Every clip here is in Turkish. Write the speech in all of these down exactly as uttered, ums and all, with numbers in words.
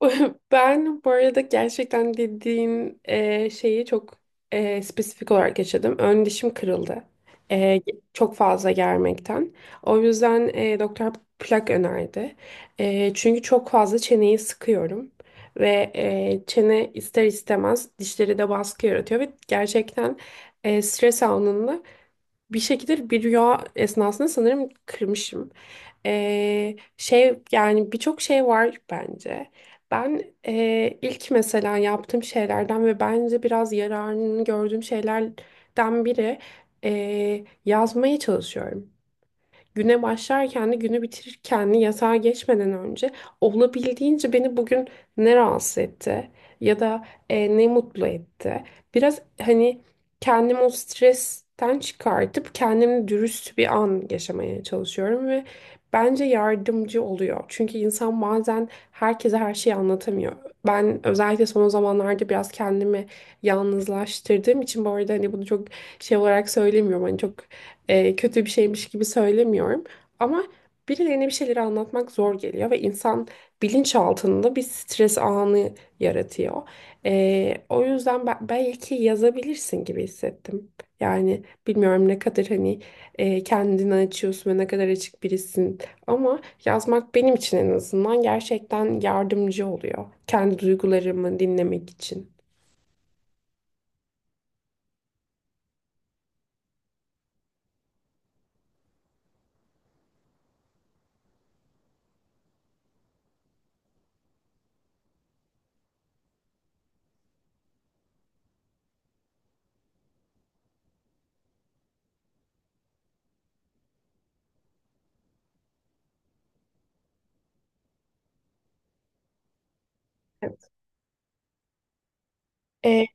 Ben bu arada gerçekten dediğin e, şeyi çok e, spesifik olarak yaşadım. Ön dişim kırıldı. E, Çok fazla germekten. O yüzden e, doktor plak önerdi. E, çünkü çok fazla çeneyi sıkıyorum. Ve e, çene ister istemez dişleri de baskı yaratıyor. Ve gerçekten e, stres anında bir şekilde bir rüya esnasında sanırım kırmışım. Ee, şey yani birçok şey var bence. Ben e, ilk mesela yaptığım şeylerden ve bence biraz yararını gördüğüm şeylerden biri e, yazmaya çalışıyorum, güne başlarken de günü bitirirken de, yatağa geçmeden önce olabildiğince beni bugün ne rahatsız etti ya da e, ne mutlu etti. Biraz hani kendimi o stresten çıkartıp kendimle dürüst bir an yaşamaya çalışıyorum ve bence yardımcı oluyor. Çünkü insan bazen herkese her şeyi anlatamıyor. Ben özellikle son zamanlarda biraz kendimi yalnızlaştırdığım için, bu arada hani bunu çok şey olarak söylemiyorum, hani çok e, kötü bir şeymiş gibi söylemiyorum. Ama birilerine bir şeyleri anlatmak zor geliyor ve insan bilinçaltında bir stres anı yaratıyor. E, o yüzden ben, belki yazabilirsin gibi hissettim. Yani bilmiyorum ne kadar hani e, kendini açıyorsun ve ne kadar açık birisin. Ama yazmak benim için en azından gerçekten yardımcı oluyor. Kendi duygularımı dinlemek için. Evet.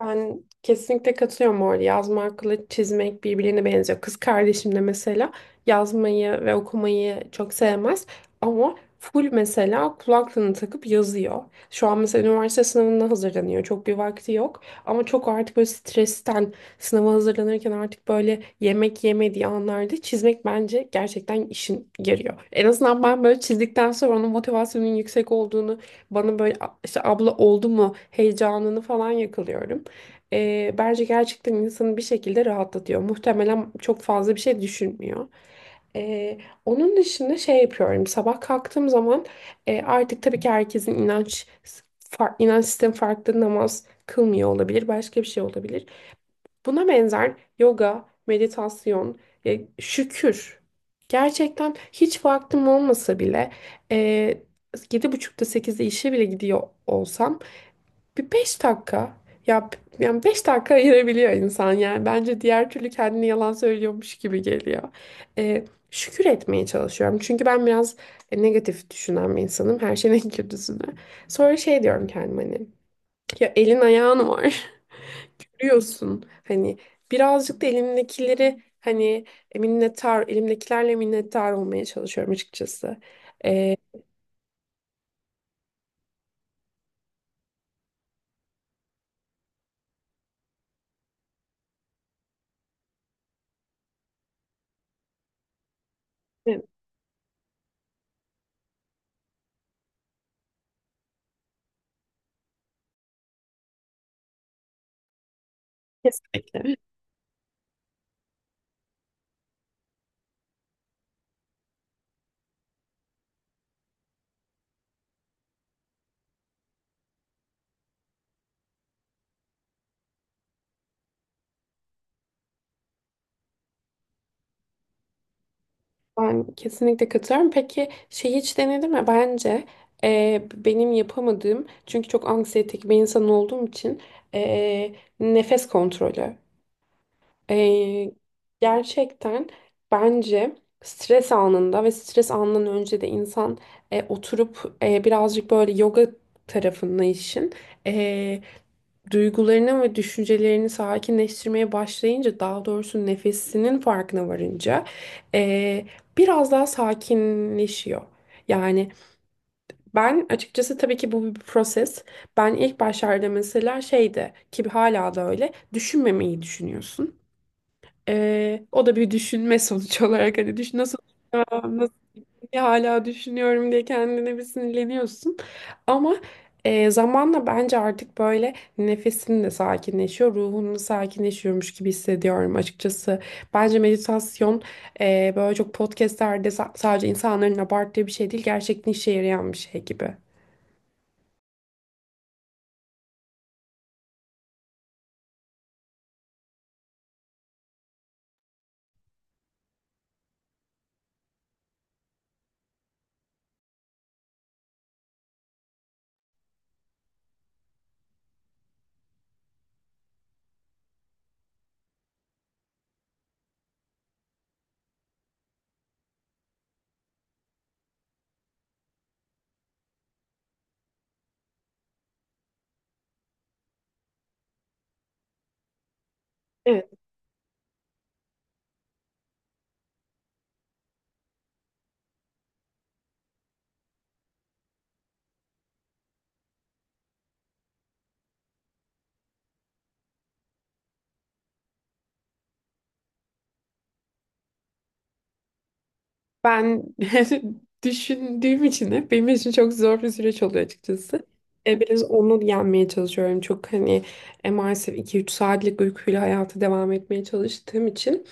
Ben kesinlikle katılıyorum orada. Yazmakla çizmek birbirine benziyor. Kız kardeşim de mesela yazmayı ve okumayı çok sevmez ama full mesela kulaklığını takıp yazıyor. Şu an mesela üniversite sınavına hazırlanıyor. Çok bir vakti yok ama çok, artık böyle stresten, sınava hazırlanırken artık böyle yemek yemediği anlarda çizmek bence gerçekten işin yarıyor. En azından ben böyle çizdikten sonra onun motivasyonun yüksek olduğunu bana böyle işte abla oldu mu heyecanını falan yakalıyorum. Ee, bence gerçekten insanı bir şekilde rahatlatıyor. Muhtemelen çok fazla bir şey düşünmüyor. Ee, Onun dışında şey yapıyorum. Sabah kalktığım zaman, e, artık tabii ki herkesin inanç, far, inanç sistemi farklı, namaz kılmıyor olabilir. Başka bir şey olabilir. Buna benzer yoga, meditasyon, e, şükür. Gerçekten hiç vaktim olmasa bile, e, yedi buçukta sekizde işe bile gidiyor olsam, bir beş dakika. Ya yani beş dakika ayırabiliyor insan yani. Bence diğer türlü kendini yalan söylüyormuş gibi geliyor. Ee, Şükür etmeye çalışıyorum. Çünkü ben biraz e, negatif düşünen bir insanım. Her şeyin en kötüsünü. Sonra şey diyorum kendime hani. Ya elin ayağın var. Görüyorsun. Hani birazcık da elimdekileri hani e, minnettar, elimdekilerle minnettar olmaya çalışıyorum açıkçası. Ee, evet, kesinlikle. Ben kesinlikle katılıyorum. Peki şey hiç denedin mi? Bence e, benim yapamadığım, çünkü çok anksiyetik bir insan olduğum için, e, nefes kontrolü. E, Gerçekten bence stres anında ve stres anından önce de insan e, oturup e, birazcık böyle yoga tarafında işin duygularını ve düşüncelerini sakinleştirmeye başlayınca, daha doğrusu nefesinin farkına varınca, eee, biraz daha sakinleşiyor. Yani ben açıkçası, tabii ki bu bir proses. Ben ilk başlarda mesela şeyde ki hala da öyle, düşünmemeyi düşünüyorsun. Eee, o da bir düşünme sonuç olarak, hani düşün nasıl, ya hala düşünüyorum diye kendine bir sinirleniyorsun. Ama e, zamanla bence artık böyle nefesin de sakinleşiyor, ruhun da sakinleşiyormuş gibi hissediyorum açıkçası. Bence meditasyon e, böyle çok podcastlerde sa- sadece insanların abarttığı bir şey değil, gerçekten işe yarayan bir şey gibi. Ben düşündüğüm için hep benim için çok zor bir süreç oluyor açıkçası. E, biraz onu yenmeye çalışıyorum. Çok hani e, maalesef iki üç saatlik uykuyla hayata devam etmeye çalıştığım için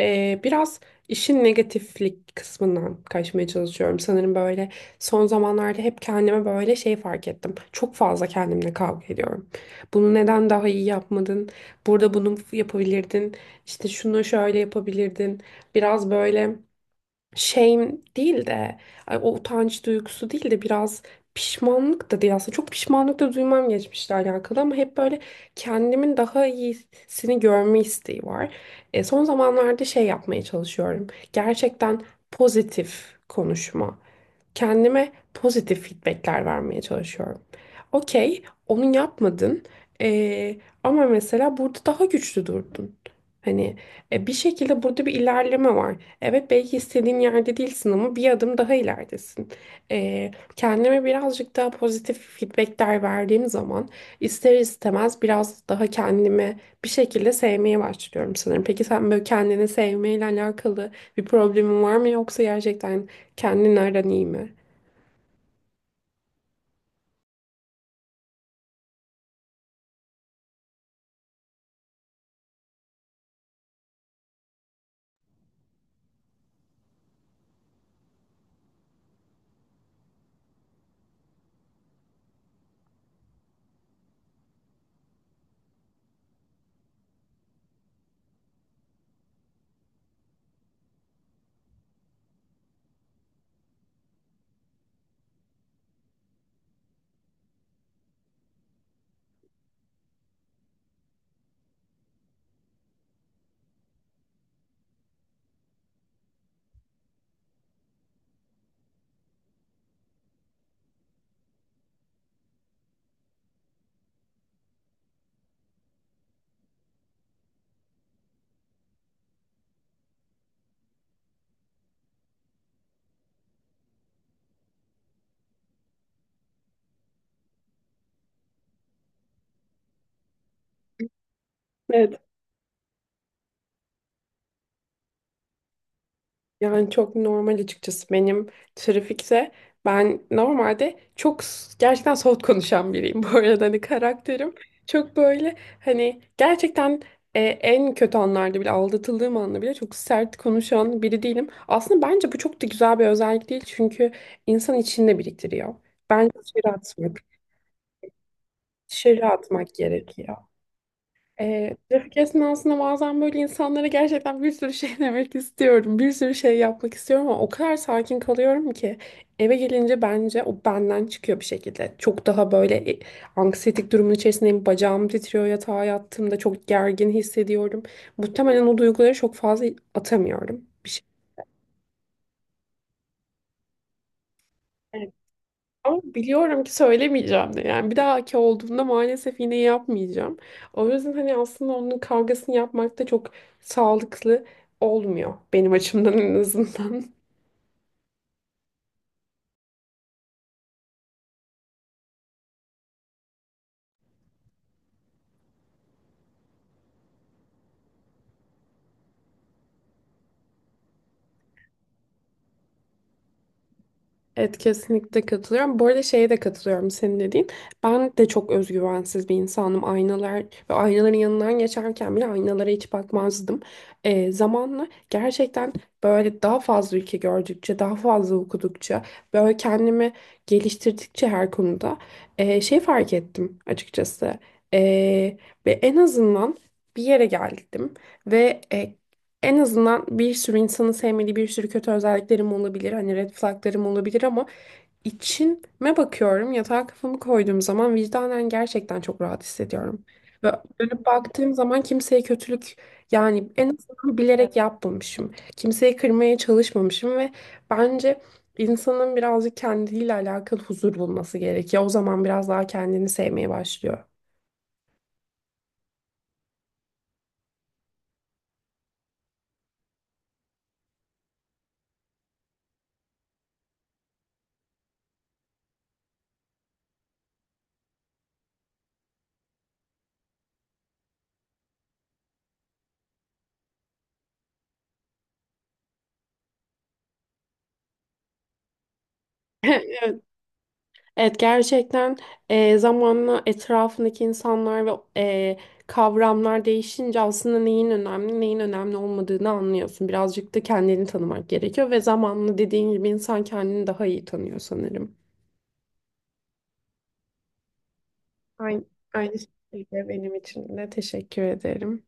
e, biraz işin negatiflik kısmından kaçmaya çalışıyorum. Sanırım böyle son zamanlarda hep kendime böyle şey fark ettim: çok fazla kendimle kavga ediyorum. Bunu neden daha iyi yapmadın? Burada bunu yapabilirdin. İşte şunu şöyle yapabilirdin. Biraz böyle shame değil de, ay, o utanç duygusu değil de, biraz pişmanlık da değil, aslında çok pişmanlık da duymam geçmişle alakalı, ama hep böyle kendimin daha iyisini görme isteği var. E, son zamanlarda şey yapmaya çalışıyorum. Gerçekten pozitif konuşma, kendime pozitif feedbackler vermeye çalışıyorum. Okey, onu yapmadın, Ee, ama mesela burada daha güçlü durdun. Hani e, bir şekilde burada bir ilerleme var. Evet, belki istediğin yerde değilsin ama bir adım daha ileridesin. Ee, Kendime birazcık daha pozitif feedbackler verdiğim zaman, ister istemez biraz daha kendimi bir şekilde sevmeye başlıyorum sanırım. Peki sen böyle kendini sevmeyle alakalı bir problemin var mı, yoksa gerçekten, kendin iyi mi? Evet. Yani çok normal açıkçası. Benim trafikte, ben normalde çok s- gerçekten soğut konuşan biriyim bu arada, hani karakterim çok böyle, hani gerçekten, e, en kötü anlarda bile, aldatıldığım anda bile çok sert konuşan biri değilim. Aslında bence bu çok da güzel bir özellik değil, çünkü insan içinde biriktiriyor. Bence dışarı atmak, dışarı atmak gerekiyor. Ee, trafik esnasında bazen böyle insanlara gerçekten bir sürü şey demek istiyorum. Bir sürü şey yapmak istiyorum ama o kadar sakin kalıyorum ki, eve gelince bence o benden çıkıyor bir şekilde. Çok daha böyle e, anksiyetik durumun içerisindeyim. Bacağım titriyor, yatağa yattığımda çok gergin hissediyorum. Muhtemelen o duyguları çok fazla atamıyorum. Bir şey. Ama biliyorum ki söylemeyeceğim de. Yani bir dahaki olduğunda maalesef yine yapmayacağım. O yüzden hani aslında onun kavgasını yapmak da çok sağlıklı olmuyor. Benim açımdan en azından. Evet, kesinlikle katılıyorum. Bu arada şeye de katılıyorum senin dediğin. Ben de çok özgüvensiz bir insanım. Aynalar ve aynaların yanından geçerken bile aynalara hiç bakmazdım. Ee, zamanla gerçekten böyle daha fazla ülke gördükçe, daha fazla okudukça, böyle kendimi geliştirdikçe her konuda, ee, şey fark ettim açıkçası. Ee, Ve en azından bir yere geldim ve e, en azından, bir sürü insanın sevmediği bir sürü kötü özelliklerim olabilir, hani red flaglarım olabilir, ama içime bakıyorum. Yatağa kafamı koyduğum zaman vicdanen gerçekten çok rahat hissediyorum. Ve dönüp baktığım zaman kimseye kötülük, yani en azından bilerek yapmamışım. Kimseyi kırmaya çalışmamışım ve bence insanın birazcık kendiyle alakalı huzur bulması gerekiyor. O zaman biraz daha kendini sevmeye başlıyor. Evet, evet, gerçekten e, zamanla etrafındaki insanlar ve e, kavramlar değişince aslında neyin önemli, neyin önemli olmadığını anlıyorsun. Birazcık da kendini tanımak gerekiyor ve zamanla dediğin gibi insan kendini daha iyi tanıyor sanırım. Aynı, aynı şekilde benim için de teşekkür ederim.